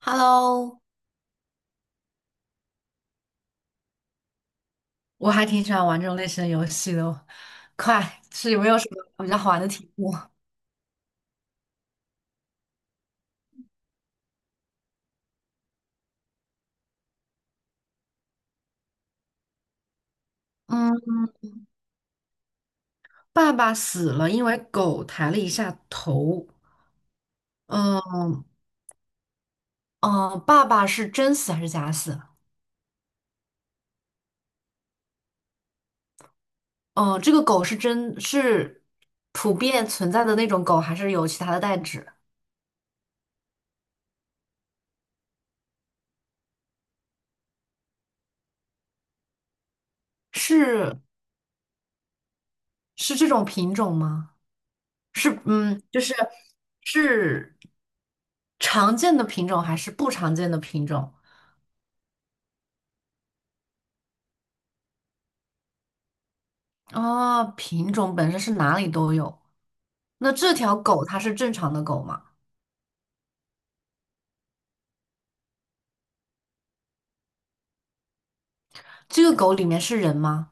Hello,我还挺喜欢玩这种类型的游戏的哦。快，是有没有什么比较好玩的题目？嗯，爸爸死了，因为狗抬了一下头。嗯嗯，爸爸是真死还是假死？嗯，这个狗是普遍存在的那种狗，还是有其他的代指？是是这种品种吗？是嗯，就是是常见的品种还是不常见的品种？哦，品种本身是哪里都有。那这条狗它是正常的狗吗？这个狗里面是人吗？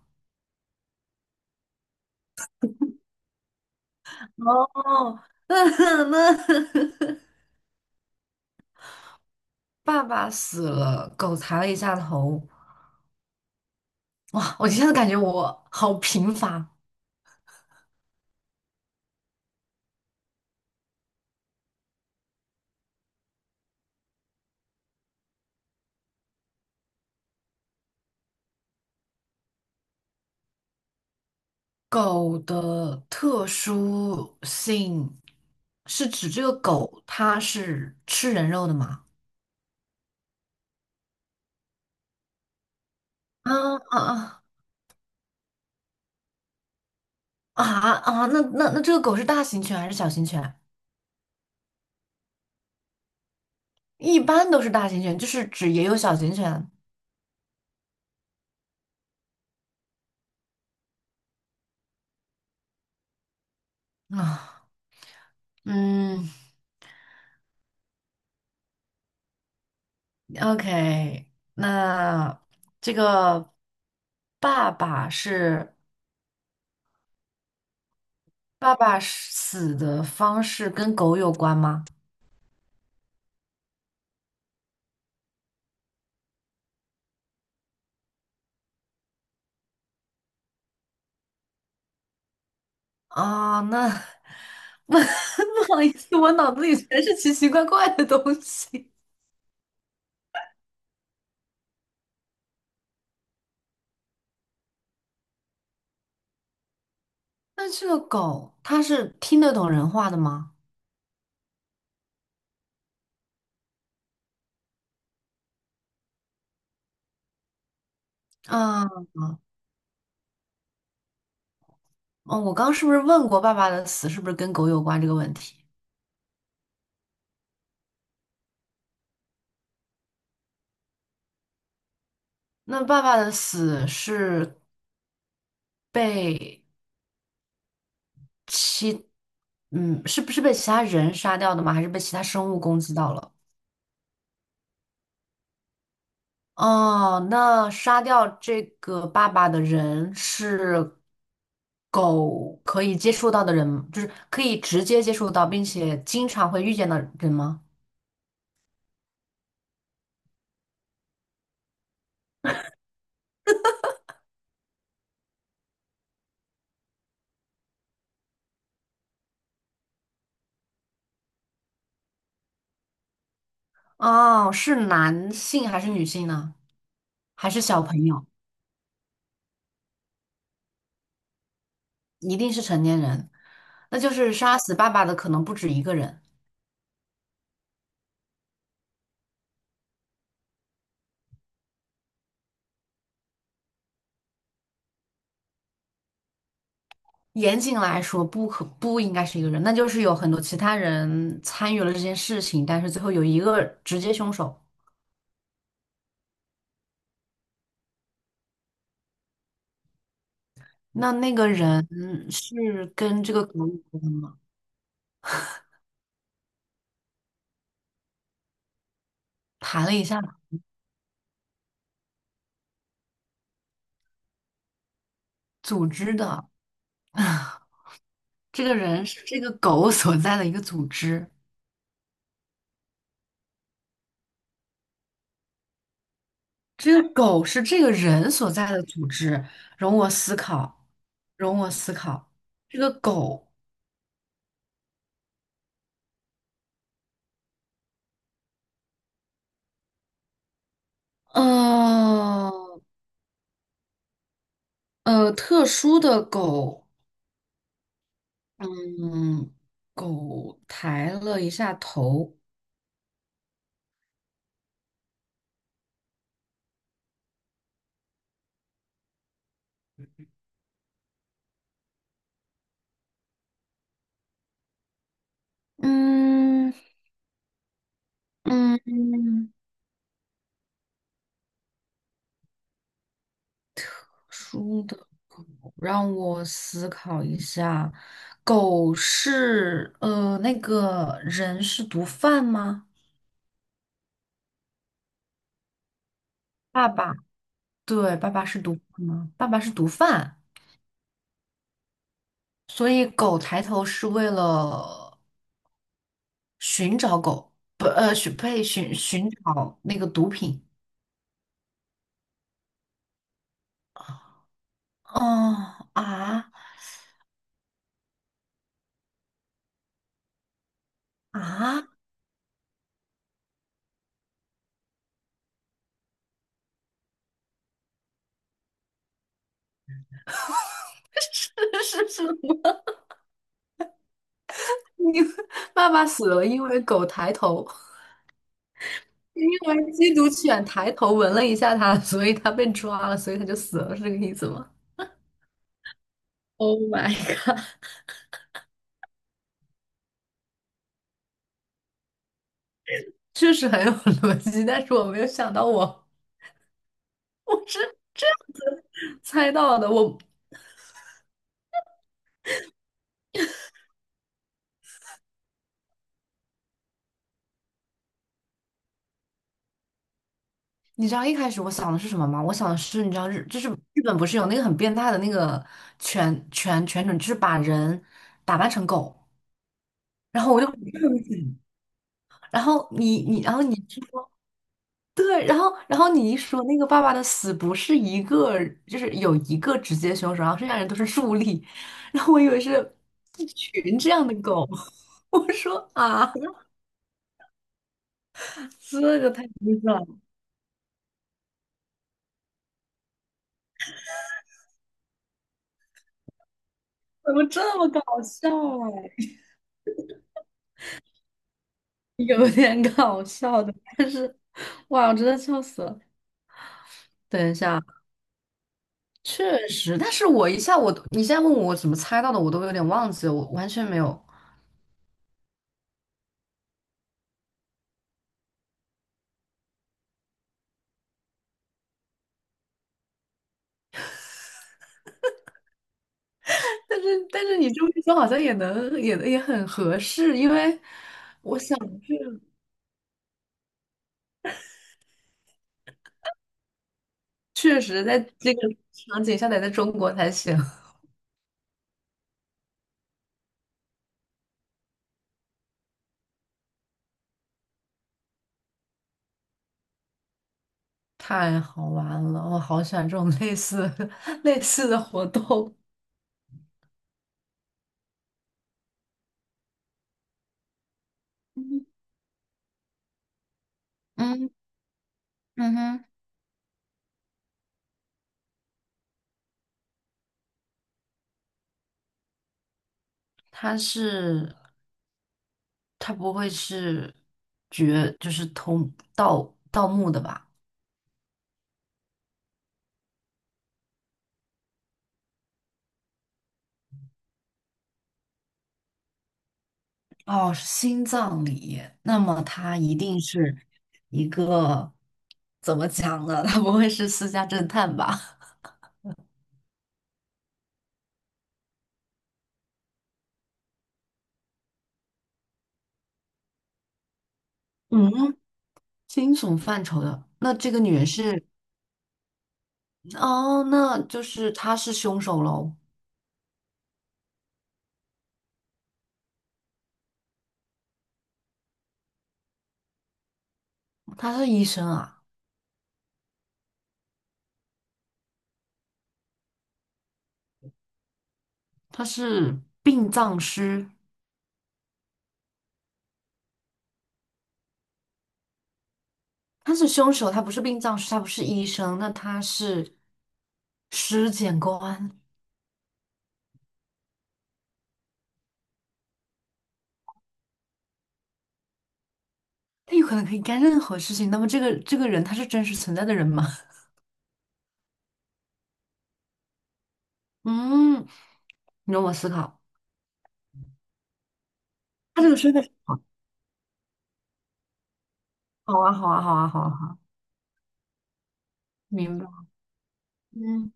哦，那那爸爸死了，狗抬了一下头。哇，我现在感觉我好贫乏。狗的特殊性是指这个狗它是吃人肉的吗？啊啊啊!那这个狗是大型犬还是小型犬？一般都是大型犬，就是指也有小型犬啊。嗯，OK,那这个爸爸是爸爸是死的方式跟狗有关吗？啊，那 不好意思，我脑子里全是奇奇怪怪的东西。那这个狗它是听得懂人话的吗？啊，哦，我刚是不是问过爸爸的死是不是跟狗有关这个问题？那爸爸的死是被其，嗯，是不是被其他人杀掉的吗？还是被其他生物攻击到了？哦，那杀掉这个爸爸的人是狗可以接触到的人，就是可以直接接触到，并且经常会遇见的人吗？哦，是男性还是女性呢？还是小朋友？一定是成年人。那就是杀死爸爸的可能不止一个人。严谨来说，不应该是一个人，那就是有很多其他人参与了这件事情，但是最后有一个直接凶手。那那个人是跟这个狗有关吗？谈了一下，组织的，这个人是这个狗所在的一个组织，这个狗是这个人所在的组织。容我思考，容我思考，这个狗，呃特殊的狗。嗯，狗抬了一下头。嗯嗯，书的狗，让我思考一下，狗是那个人是毒贩吗？爸爸，对，爸爸是毒贩吗？爸爸是毒贩，所以狗抬头是为了寻找狗，不，呃，寻呸，寻找那个毒品。哦啊啊！是是是，因为爸爸死了，因为狗抬头，因为缉毒犬抬头闻了一下他，所以他被抓了，所以他就死了，是这个意思吗？Oh my god,确实很有逻辑，但是我没有想到我我是这样子猜到的。你知道一开始我想的是什么吗？我想的是，你知道日本不是有那个很变态的那个犬种，就是把人打扮成狗，然后我就很震惊然后你说。对，然后你一说那个爸爸的死不是一个，就是有一个直接凶手，然后剩下人都是助力，然后我以为是一群这样的狗，我说啊，这个太离谱了，怎么这么搞笑啊？有点搞笑的，但是哇，我真的笑死了。等一下，确实，但是我一下我都，你现在问我怎么猜到的，我都有点忘记了，我完全没有，但是你这么一说，好像也很合适，因为这确实在这个场景下得在中国才行，太好玩了，我好喜欢这种类似 类似的活动。嗯，嗯嗯哼，它是它不会是绝就是盗盗墓的吧？哦，是心脏里，那么它一定是一个怎么讲呢？它不会是私家侦探吧？嗯，惊悚范畴的，那这个女人是，哦，那就是她是凶手喽，她是医生啊，她是殡葬师，她是凶手，她不是殡葬师，她不是医生，那她是尸检官，她有可能可以干任何事情。那么这个人他是真实存在的人吗？嗯，你让我思考，他这个身份，好啊，好啊，好啊，好啊，好啊明白。嗯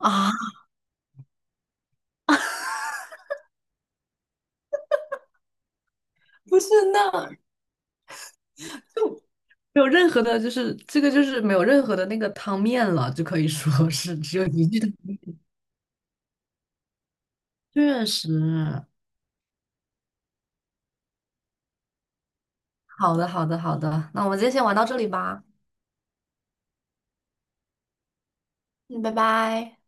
啊，不是那。就。没有任何的，就是这个就是没有任何的那个汤面了，就可以说 是只有一句的。确实，好的，好的，好的，那我们今天先玩到这里吧，嗯，拜拜。